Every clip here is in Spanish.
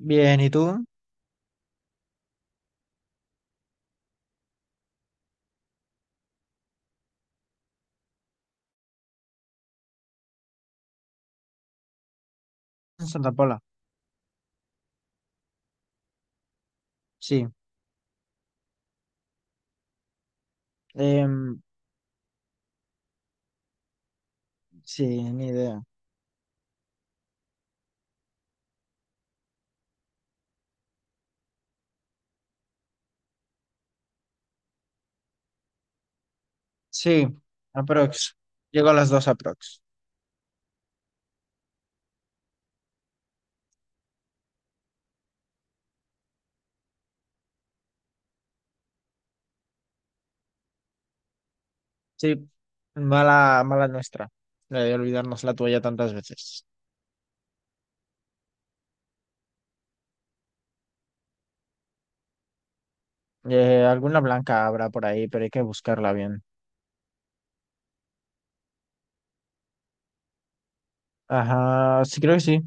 Bien, ¿y tú? En Santa Pola. Sí. Em, sí, ni idea. Sí, aprox. Llego a las dos aprox. Sí, mala, mala nuestra. La de olvidarnos la tuya tantas veces. Alguna blanca habrá por ahí, pero hay que buscarla bien. Ajá, sí, creo que sí.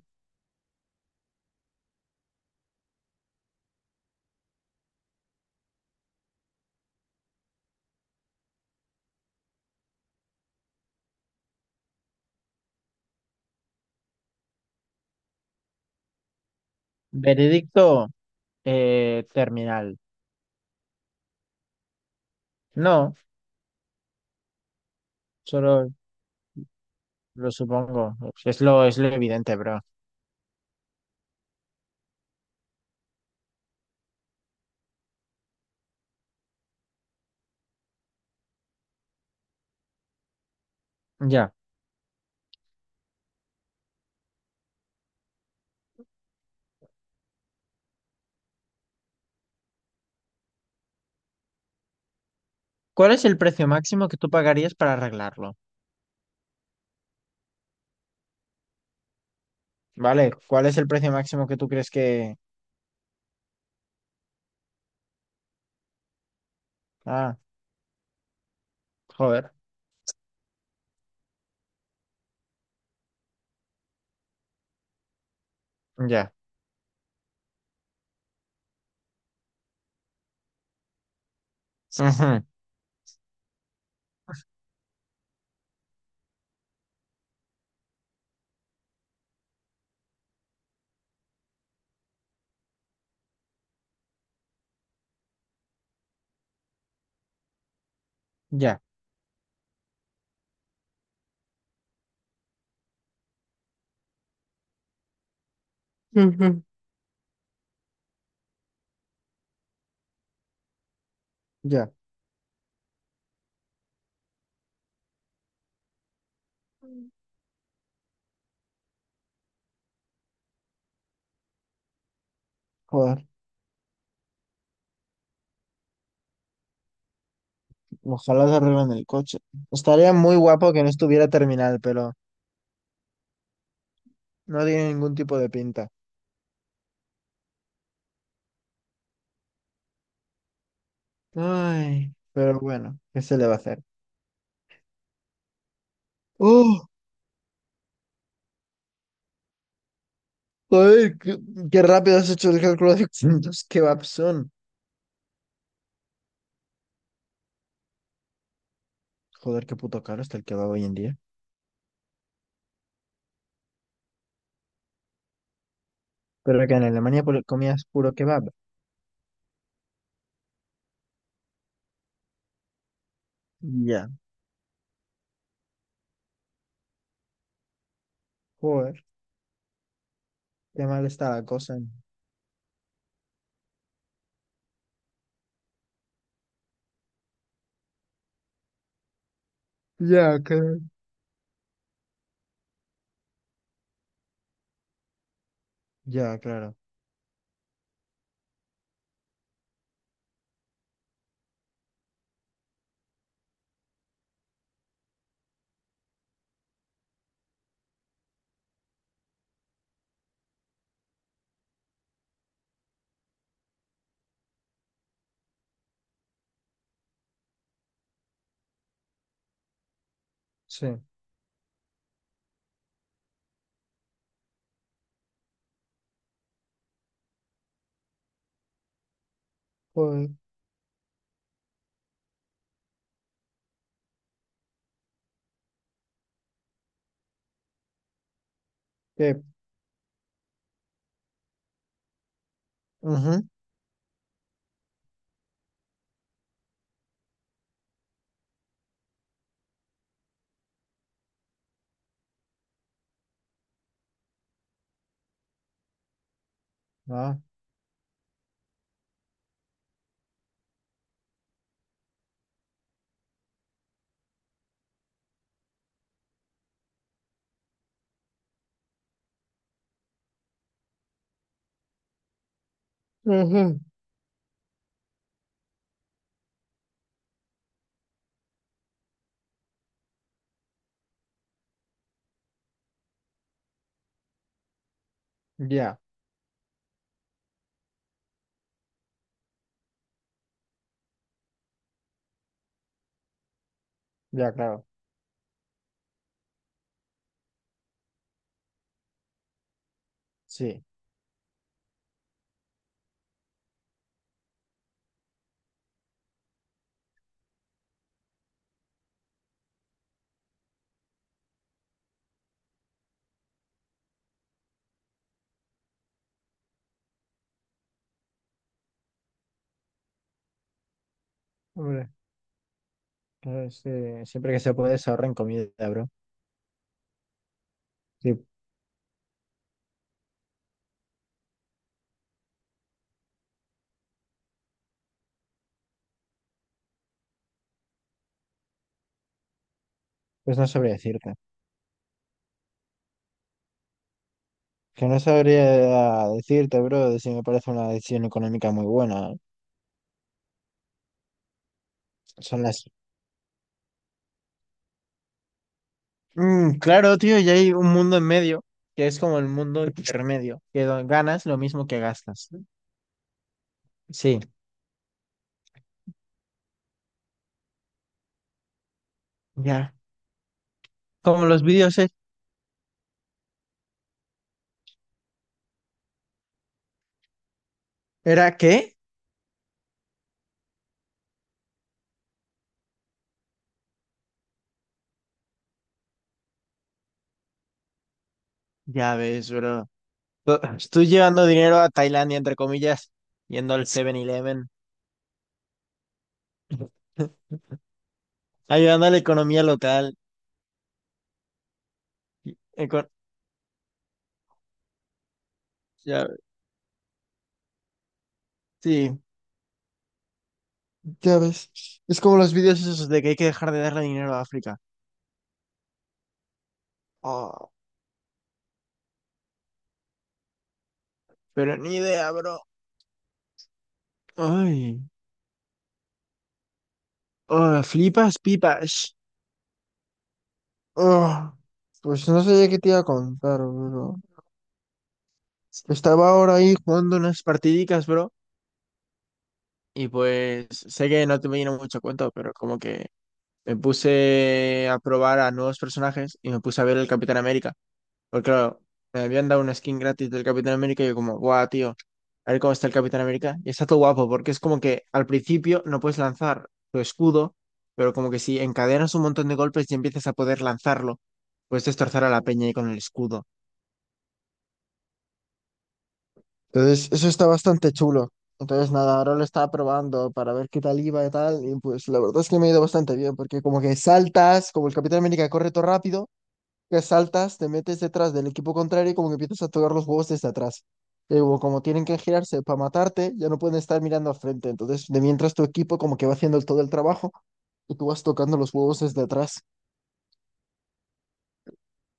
Veredicto, terminal. No, solo lo supongo. Es lo evidente, bro. Ya. ¿Cuál es el precio máximo que tú pagarías para arreglarlo? Vale, ¿cuál es el precio máximo que tú crees que...? Ah, joder, ya. Ujú, ya, ujú, ya. Joder, ojalá se arreglen el coche. Estaría muy guapo que no estuviera terminal, pero no tiene ningún tipo de pinta. Ay, pero bueno, ¿qué se le va a hacer? ¡Oh! Joder, qué rápido has hecho el cálculo de cuántos kebabs son. Joder, qué puto caro está el kebab hoy en día. Pero que en Alemania comías puro kebab. Ya. Joder, qué mal está la cosa. Ya, que Ya, claro. Sí. Joder. Que ujú, ah, ujú, ya, ya, claro. Sí. Hombre, claro, es que siempre que se puede se ahorra en comida, bro. Sí, pues no sabría decirte. Que no sabría decirte, bro, de si me parece una decisión económica muy buena. Son las. Mm, claro, tío, y hay un mundo en medio, que es como el mundo intermedio, que ganas lo mismo que gastas. Sí, ya. Como los vídeos, ¿eh? ¿Era qué? Ya ves, bro. Tú tú llevando dinero a Tailandia, entre comillas, yendo al 7-Eleven ayudando a la economía local. y- eco- ya- sí, ya ves. Es como los vídeos esos de que hay que dejar de darle dinero a África. Oh, pero ni idea, bro. Ay, oh, flipas pipas. Oh, pues no sé qué te iba a contar, bro. Estaba ahora ahí jugando unas partidicas, bro. Y pues sé que no te viene mucho a cuento, pero como que me puse a probar a nuevos personajes y me puse a ver el Capitán América. Porque claro, me habían dado una skin gratis del Capitán América y yo como, guau, tío, a ver cómo está el Capitán América. Y está todo guapo porque es como que al principio no puedes lanzar tu escudo, pero como que si encadenas un montón de golpes y empiezas a poder lanzarlo, puedes destrozar a la peña ahí con el escudo. Entonces, eso está bastante chulo. Entonces, nada, ahora lo estaba probando para ver qué tal iba y tal. Y pues la verdad es que me ha ido bastante bien, porque como que saltas, como el Capitán América corre todo rápido. Que saltas, te metes detrás del equipo contrario y como que empiezas a tocar los huevos desde atrás. Y luego, como tienen que girarse para matarte, ya no pueden estar mirando al frente. Entonces, de mientras tu equipo como que va haciendo todo el trabajo y tú vas tocando los huevos desde atrás.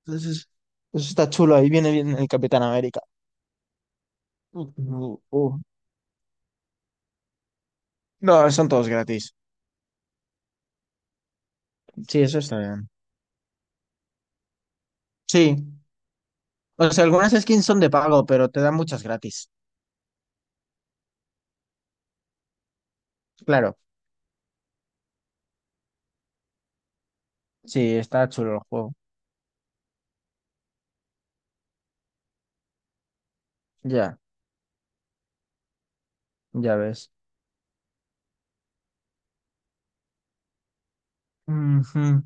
Entonces, eso está chulo. Ahí viene bien el Capitán América. Uh, uh, uh. No, son todos gratis. Sí, eso está bien. Sí. O sea, algunas skins son de pago, pero te dan muchas gratis. Claro. Sí, está chulo el juego. Ya, ya ves. Ujú.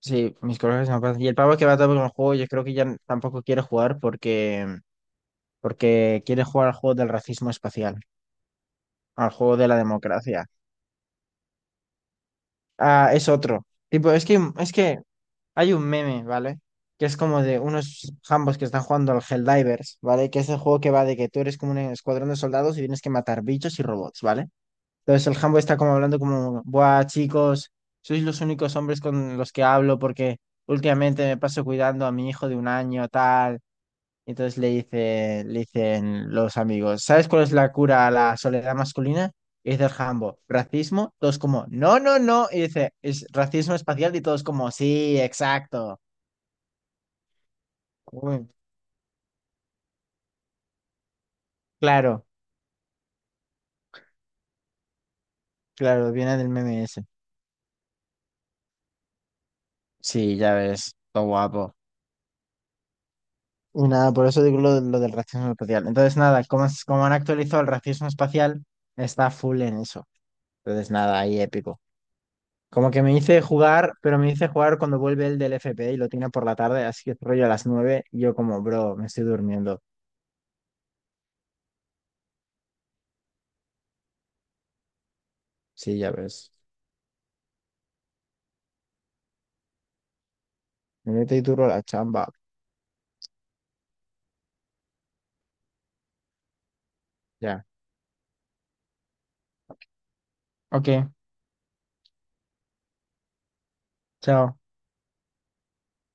Sí, mis colegas se pasan. Y el pavo que va todo con el juego, yo creo que ya tampoco quiere jugar porque, quiere jugar al juego del racismo espacial, al juego de la democracia. Ah, es otro. Tipo, es que hay un meme, ¿vale? Que es como de unos jambos que están jugando al Helldivers, ¿vale? Que es el juego que va de que tú eres como un escuadrón de soldados y tienes que matar bichos y robots, ¿vale? Entonces el jambo está como hablando como, buah, chicos, sois los únicos hombres con los que hablo porque últimamente me paso cuidando a mi hijo de un año, tal. Entonces le dice, le dicen los amigos, ¿sabes cuál es la cura a la soledad masculina? Y dice el Jambo, racismo, todos como, no, no, no. Y dice, es racismo espacial y todos como, sí, exacto. Uy, claro, claro, viene del meme ese. Sí, ya ves, todo guapo. Y nada, por eso digo lo del racismo espacial. Entonces nada, como han actualizado el racismo espacial, está full en eso. Entonces nada, ahí épico. Como que me dice jugar, pero me dice jugar cuando vuelve el del FP y lo tiene por la tarde, así que rollo a las 9 y yo como, bro, me estoy durmiendo. Sí, ya ves. Me mete y duro la chamba. Ya. Ok, chao.